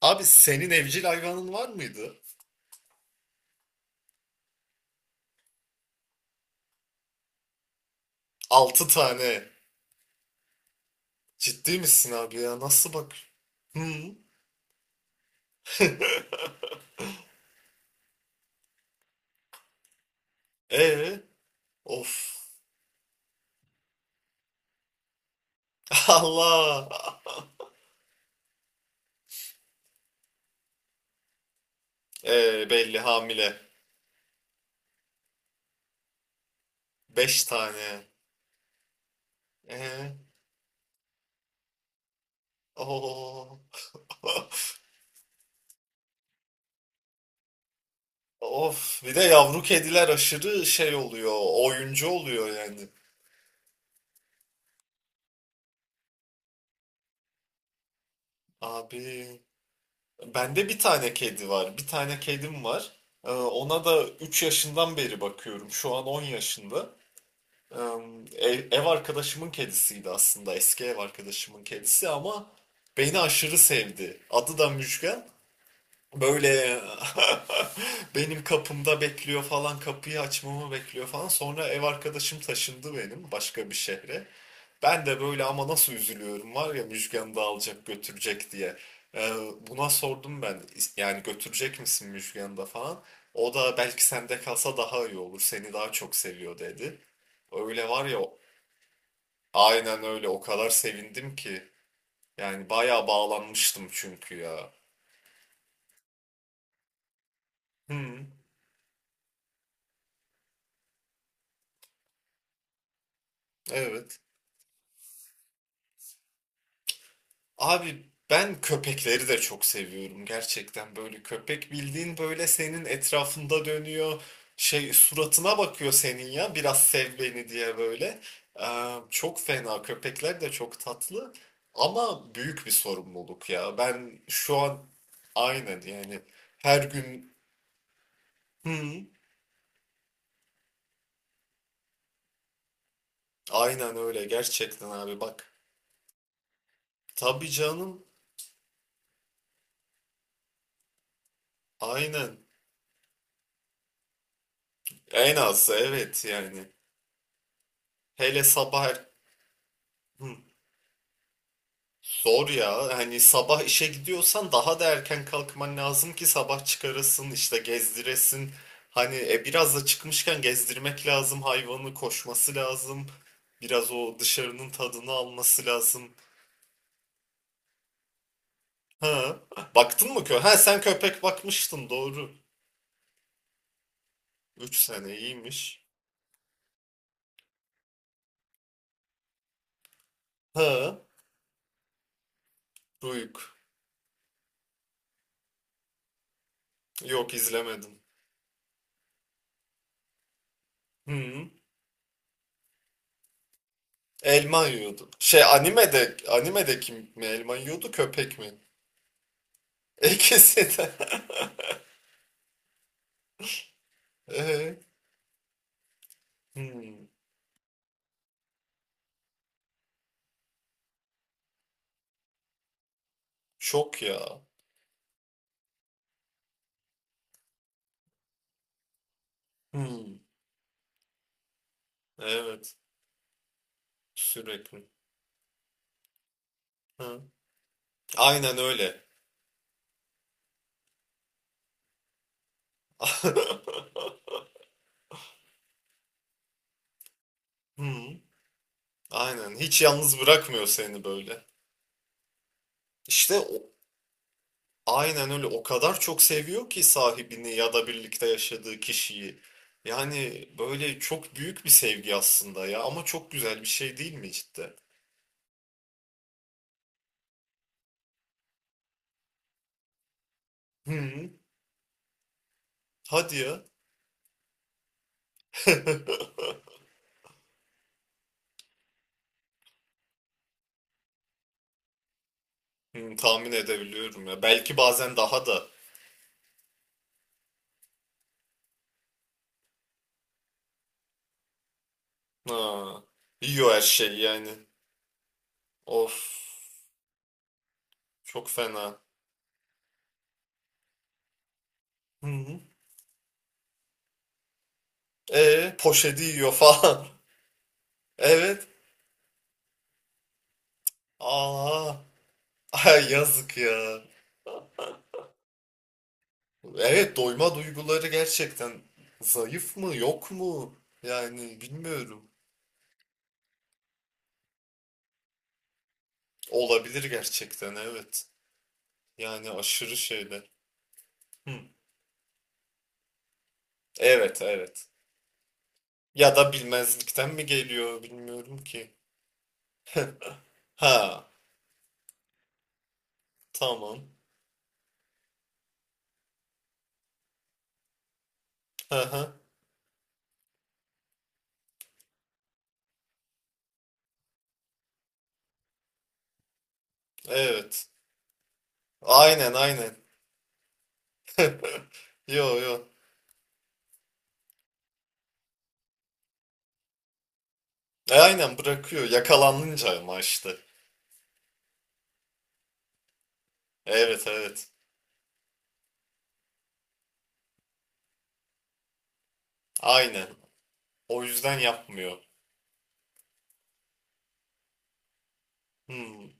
Abi senin evcil hayvanın var mıydı? Altı tane. Ciddi misin abi ya? Nasıl bak? Hı? Ee? Of. Allah. Belli hamile. Beş tane. Ee? Oo. Of. Bir de yavru kediler aşırı şey oluyor. Oyuncu oluyor yani. Abi. Bende bir tane kedi var. Bir tane kedim var. Ona da 3 yaşından beri bakıyorum. Şu an 10 yaşında. Ev arkadaşımın kedisiydi aslında. Eski ev arkadaşımın kedisi ama beni aşırı sevdi. Adı da Müjgan. Böyle benim kapımda bekliyor falan, kapıyı açmamı bekliyor falan. Sonra ev arkadaşım taşındı benim başka bir şehre. Ben de böyle ama nasıl üzülüyorum var ya Müjgan'ı da alacak götürecek diye. Ee, buna sordum ben yani götürecek misin Müjgan'ı da falan. O da belki sende kalsa daha iyi olur, seni daha çok seviyor dedi. Öyle var ya. Aynen öyle. O kadar sevindim ki. Yani bayağı bağlanmıştım çünkü ya. Hmm, evet. Abi ben köpekleri de çok seviyorum gerçekten. Böyle köpek bildiğin böyle senin etrafında dönüyor. Şey suratına bakıyor senin ya biraz sev beni diye böyle. Çok fena. Köpekler de çok tatlı. Ama büyük bir sorumluluk ya. Ben şu an aynen yani her gün. Hmm, aynen öyle gerçekten abi bak. Tabii canım. Aynen. En azı evet yani. Hele sabah er- Hı, zor ya. Hani sabah işe gidiyorsan daha da erken kalkman lazım ki sabah çıkarasın işte gezdiresin. Hani biraz da çıkmışken gezdirmek lazım. Hayvanı koşması lazım. Biraz o dışarının tadını alması lazım. Ha. Baktın mı köpek? Ha sen köpek bakmıştın doğru. 3 sene iyiymiş. Ha. Duyuk. Yok izlemedim. Hı. Elma yiyordu. Şey animede animede kim mi elma yiyordu köpek mi? İkisi de. Ee, hmm, çok ya. Hmm, evet sürekli. Hı. Aynen öyle. Hmm, aynen hiç yalnız bırakmıyor seni böyle. İşte o, aynen öyle o kadar çok seviyor ki sahibini ya da birlikte yaşadığı kişiyi. Yani böyle çok büyük bir sevgi aslında ya ama çok güzel bir şey değil mi cidden? Hı, hadi ya. Hmm, tahmin edebiliyorum ya. Belki bazen daha da. Ha, yiyor her şeyi yani. Of. Çok fena. Hı hı. E poşeti yiyor falan. Evet. Aa. Ay, yazık ya. Evet doyma duyguları gerçekten zayıf mı yok mu? Yani bilmiyorum. Olabilir gerçekten evet. Yani aşırı şeyler. Hı. Evet evet. Ya da bilmezlikten mi geliyor bilmiyorum ki. Ha. Tamam. Hı hı. Evet. Aynen aynen. Yo yo. E, aynen bırakıyor. Yakalanınca ama işte. Evet evet. Aynen. O yüzden yapmıyor. Hmm.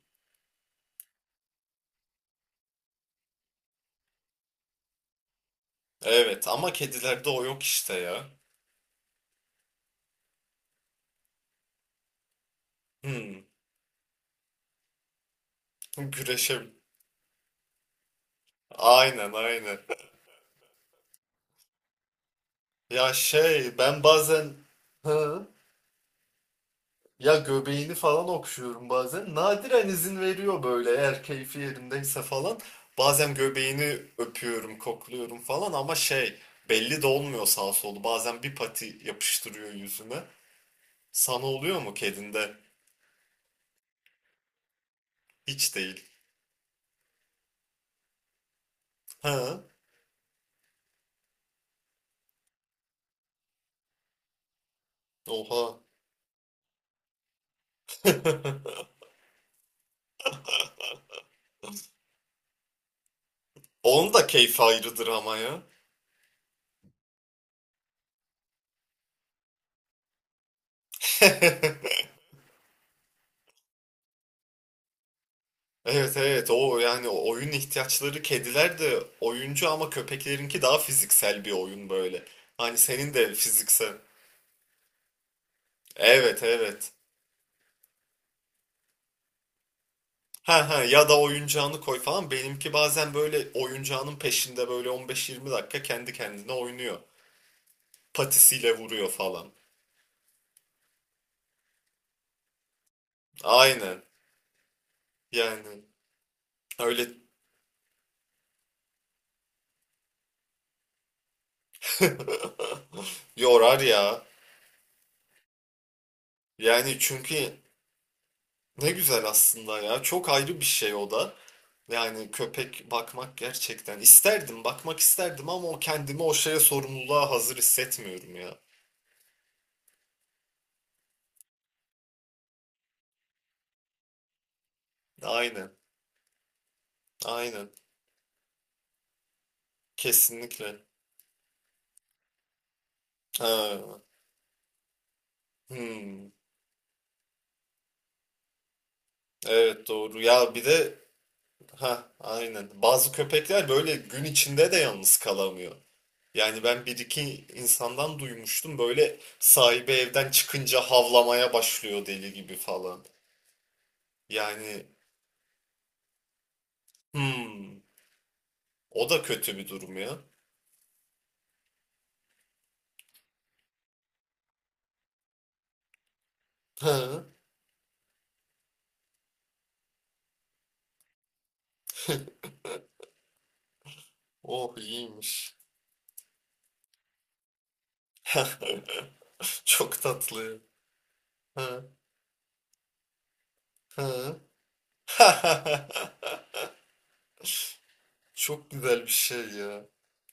Evet ama kedilerde o yok işte ya. Hmm. Güreşe. Aynen aynen. Ya şey ben bazen... Hı? Ya göbeğini falan okşuyorum bazen. Nadiren izin veriyor böyle eğer keyfi yerindeyse falan. Bazen göbeğini öpüyorum, kokluyorum falan ama şey belli de olmuyor sağ solu. Bazen bir pati yapıştırıyor yüzüme. Sana oluyor mu kedinde? Hiç değil. Ha? Oha. Onun da keyfi ayrıdır ama ya. Evet evet o yani oyun ihtiyaçları kediler de oyuncu ama köpeklerinki daha fiziksel bir oyun böyle. Hani senin de fiziksel. Evet evet. Ha ha ya da oyuncağını koy falan. Benimki bazen böyle oyuncağının peşinde böyle 15-20 dakika kendi kendine oynuyor. Patisiyle vuruyor falan. Aynen. Yani öyle yorar ya. Yani çünkü ne güzel aslında ya. Çok ayrı bir şey o da. Yani köpek bakmak gerçekten isterdim, bakmak isterdim ama o kendimi o şeye sorumluluğa hazır hissetmiyorum ya. Aynen, aynen. Kesinlikle. Ha. Hmm. Evet doğru. Ya bir de ha aynen. Bazı köpekler böyle gün içinde de yalnız kalamıyor. Yani ben bir iki insandan duymuştum böyle sahibi evden çıkınca havlamaya başlıyor deli gibi falan. Yani hmm, o da kötü bir durum ya. Ha, oh iyiymiş. Çok tatlı. Ha, ha. Çok güzel bir şey ya.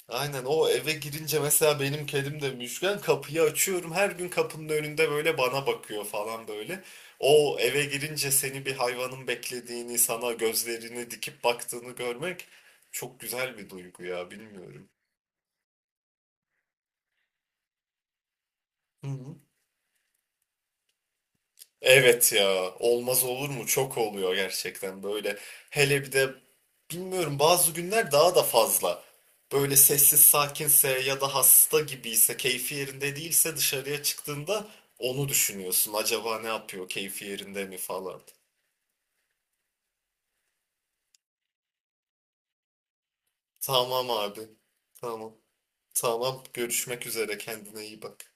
Aynen o eve girince mesela benim kedim de müşken kapıyı açıyorum her gün kapının önünde böyle bana bakıyor falan böyle. O eve girince seni bir hayvanın beklediğini sana gözlerini dikip baktığını görmek çok güzel bir duygu ya bilmiyorum. Hı hı. Evet ya olmaz olur mu? Çok oluyor gerçekten böyle. Hele bir de bilmiyorum bazı günler daha da fazla. Böyle sessiz sakinse ya da hasta gibiyse, keyfi yerinde değilse dışarıya çıktığında onu düşünüyorsun. Acaba ne yapıyor? Keyfi yerinde mi falan. Tamam abi. Tamam. Tamam. Görüşmek üzere. Kendine iyi bak.